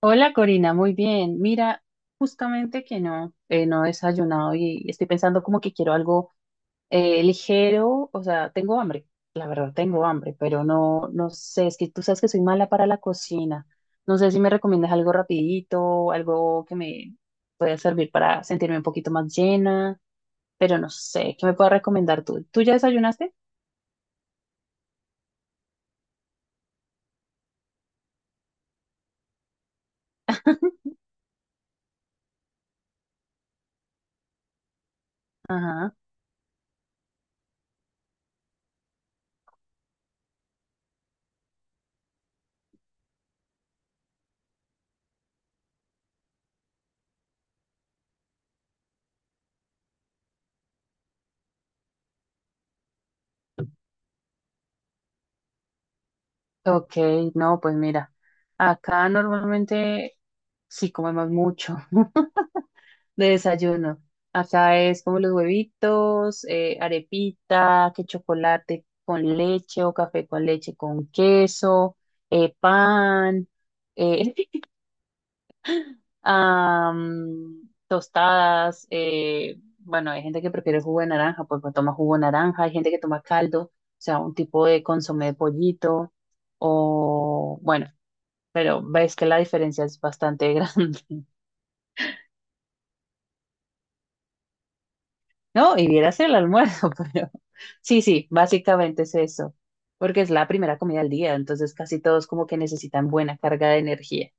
Hola Corina, muy bien. Mira, justamente que no, no he desayunado y estoy pensando como que quiero algo ligero, o sea, tengo hambre, la verdad tengo hambre, pero no, no sé, es que tú sabes que soy mala para la cocina. No sé si me recomiendas algo rapidito, algo que me pueda servir para sentirme un poquito más llena, pero no sé, ¿qué me puedes recomendar tú? ¿Tú ya desayunaste? Ajá. Ok, no, pues mira, acá normalmente sí comemos mucho. De desayuno. Acá es como los huevitos, arepita, que chocolate con leche o café con leche con queso, pan, eh, tostadas. Bueno, hay gente que prefiere jugo de naranja, pues, toma jugo de naranja, hay gente que toma caldo, o sea, un tipo de consomé de pollito, o bueno, pero ves que la diferencia es bastante grande. No, y vieras el almuerzo, pero sí, sí, básicamente es eso, porque es la primera comida del día, entonces casi todos como que necesitan buena carga de energía.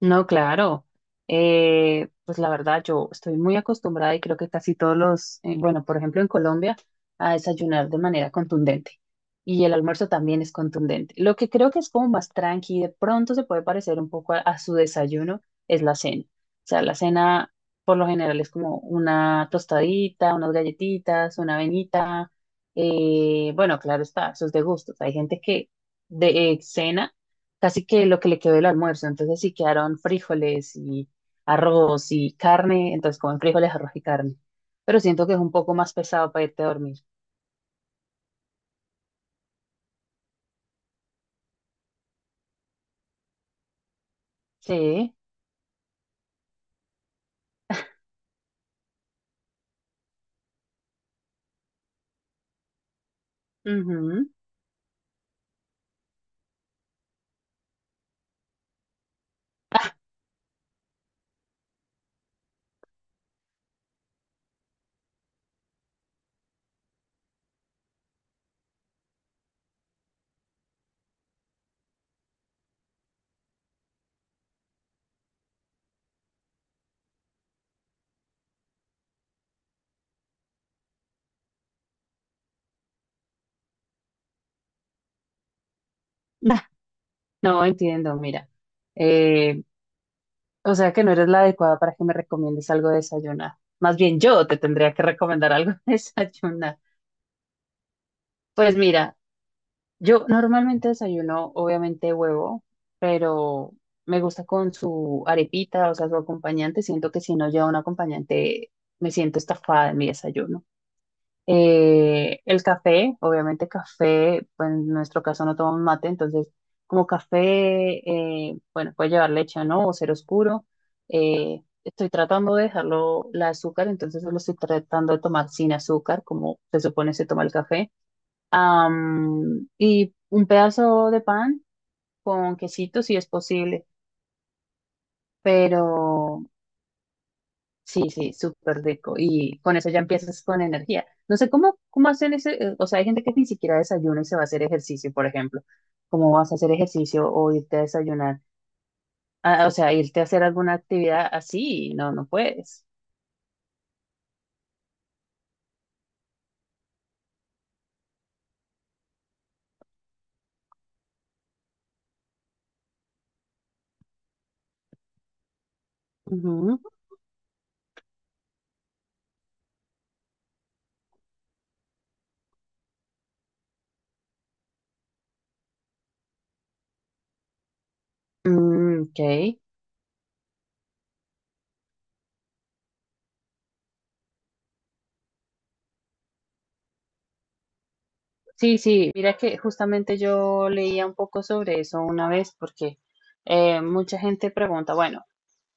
No, claro. Pues la verdad, yo estoy muy acostumbrada y creo que casi todos los, bueno, por ejemplo en Colombia, a desayunar de manera contundente. Y el almuerzo también es contundente. Lo que creo que es como más tranqui, de pronto se puede parecer un poco a su desayuno, es la cena. O sea, la cena por lo general es como una tostadita, unas galletitas, una avenita. Bueno, claro está, eso es de gustos. Hay gente que de cena casi que lo que le quedó del almuerzo. Entonces sí quedaron frijoles y arroz y carne, entonces comen frijoles, arroz y carne. Pero siento que es un poco más pesado para irte a dormir. Sí. Ujú. Nah, no entiendo, mira. Eh, o sea que no eres la adecuada para que me recomiendes algo de desayunar. Más bien yo te tendría que recomendar algo de desayunar. Pues mira, yo normalmente desayuno, obviamente, huevo, pero me gusta con su arepita, o sea, su acompañante. Siento que si no lleva un acompañante, me siento estafada en mi desayuno. El café, obviamente, café, pues en nuestro caso no tomamos mate, entonces, como café, bueno, puede llevar leche o no, o ser oscuro. Estoy tratando de dejarlo, la azúcar, entonces lo estoy tratando de tomar sin azúcar, como se supone se toma el café. Y un pedazo de pan con quesito si es posible, pero sí, sí, súper rico. Y con eso ya empiezas con energía. No sé cómo hacen ese, o sea, hay gente que ni siquiera desayuna y se va a hacer ejercicio, por ejemplo. ¿Cómo vas a hacer ejercicio o irte a desayunar? Ah, o sea, irte a hacer alguna actividad así, no, no puedes. Ujú. Mm, ok. Sí, sí, mira que justamente yo leía un poco sobre eso una vez porque mucha gente pregunta, bueno,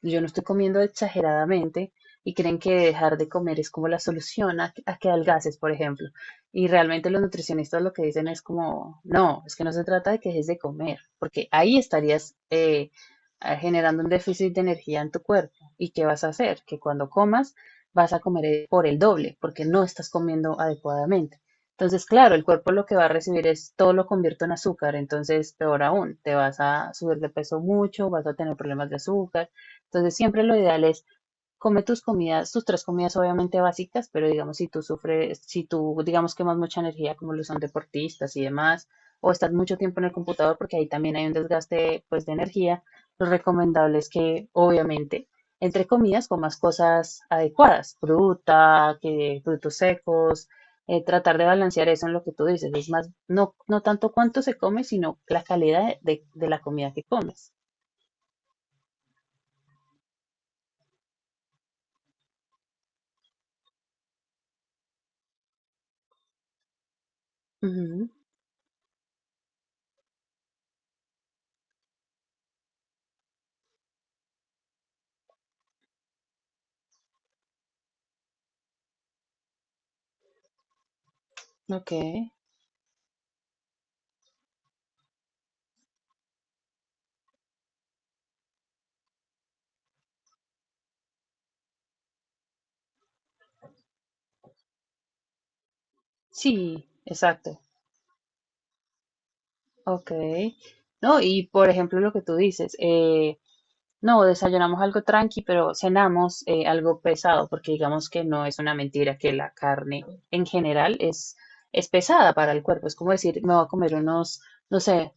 yo no estoy comiendo exageradamente y creen que dejar de comer es como la solución a que adelgaces, por ejemplo. Y realmente los nutricionistas lo que dicen es como, no, es que no se trata de que dejes de comer, porque ahí estarías generando un déficit de energía en tu cuerpo. ¿Y qué vas a hacer? Que cuando comas vas a comer por el doble, porque no estás comiendo adecuadamente. Entonces, claro, el cuerpo lo que va a recibir es todo lo convierto en azúcar, entonces peor aún, te vas a subir de peso mucho, vas a tener problemas de azúcar. Entonces, siempre lo ideal es come tus comidas, tus tres comidas obviamente básicas, pero digamos si tú sufres, si tú digamos quemas mucha energía como lo son deportistas y demás, o estás mucho tiempo en el computador porque ahí también hay un desgaste pues de energía, lo recomendable es que obviamente entre comidas comas cosas adecuadas, fruta, que, frutos secos, tratar de balancear eso en lo que tú dices, es más, no, no tanto cuánto se come, sino la calidad de la comida que comes. Ujú. Ok. Sí, exacto. Ok. No, y por ejemplo lo que tú dices, no, desayunamos algo tranqui, pero cenamos algo pesado, porque digamos que no es una mentira que la carne en general es pesada para el cuerpo. Es como decir, me voy a comer unos, no sé,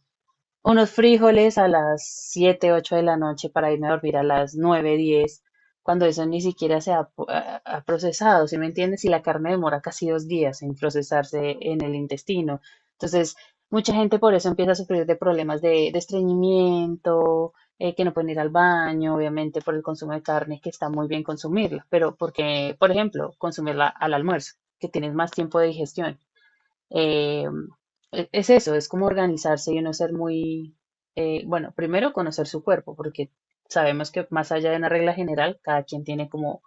unos frijoles a las 7 8 de la noche para irme a dormir a las 9 10 cuando eso ni siquiera se ha procesado, ¿sí me entiendes? Y la carne demora casi 2 días en procesarse en el intestino. Entonces, mucha gente por eso empieza a sufrir de problemas de estreñimiento, que no pueden ir al baño, obviamente por el consumo de carne, que está muy bien consumirla, pero porque, por ejemplo, consumirla al almuerzo, que tienes más tiempo de digestión. Eh, es eso, es como organizarse y no ser muy, bueno, primero conocer su cuerpo, porque sabemos que más allá de una regla general, cada quien tiene como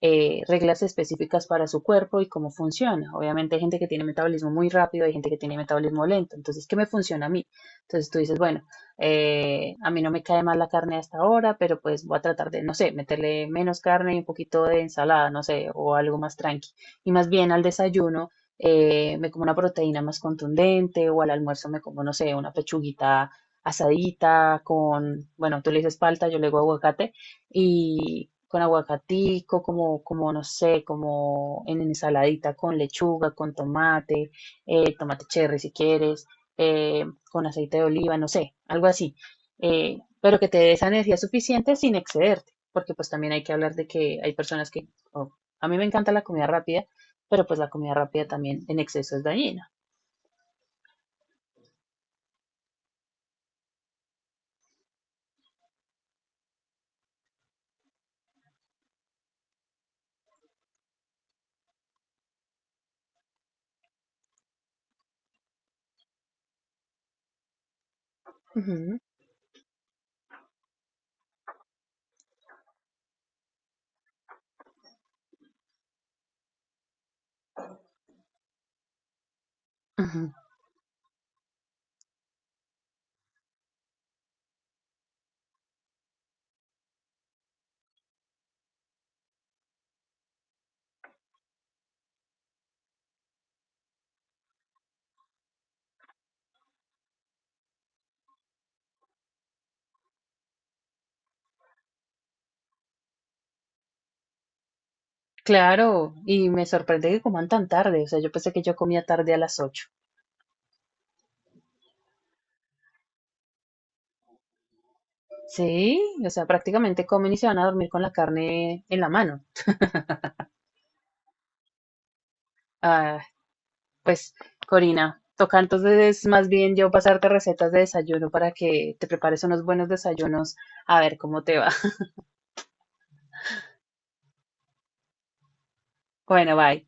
reglas específicas para su cuerpo y cómo funciona. Obviamente hay gente que tiene metabolismo muy rápido, hay gente que tiene metabolismo lento. Entonces, ¿qué me funciona a mí? Entonces tú dices, bueno, a mí no me cae mal la carne hasta ahora, pero pues voy a tratar de, no sé, meterle menos carne y un poquito de ensalada, no sé, o algo más tranqui. Y más bien al desayuno. Me como una proteína más contundente o al almuerzo me como, no sé, una pechuguita asadita con, bueno, tú le dices palta, yo le digo aguacate, y con aguacatico, como no sé, como en ensaladita con lechuga, con tomate, tomate cherry si quieres, eh, con aceite de oliva, no sé, algo así. Pero que te dé esa energía suficiente sin excederte, porque pues también hay que hablar de que hay personas que, oh, a mí me encanta la comida rápida, pero pues la comida rápida también en exceso es dañina. Ujú. Ujú. Claro, y me sorprende que coman tan tarde, o sea, yo pensé que yo comía tarde a las 8. Sí, o sea, prácticamente comen y se van a dormir con la carne en la mano. Ah, pues, Corina, toca entonces más bien yo pasarte recetas de desayuno para que te prepares unos buenos desayunos, a ver cómo te va. Bueno, bye.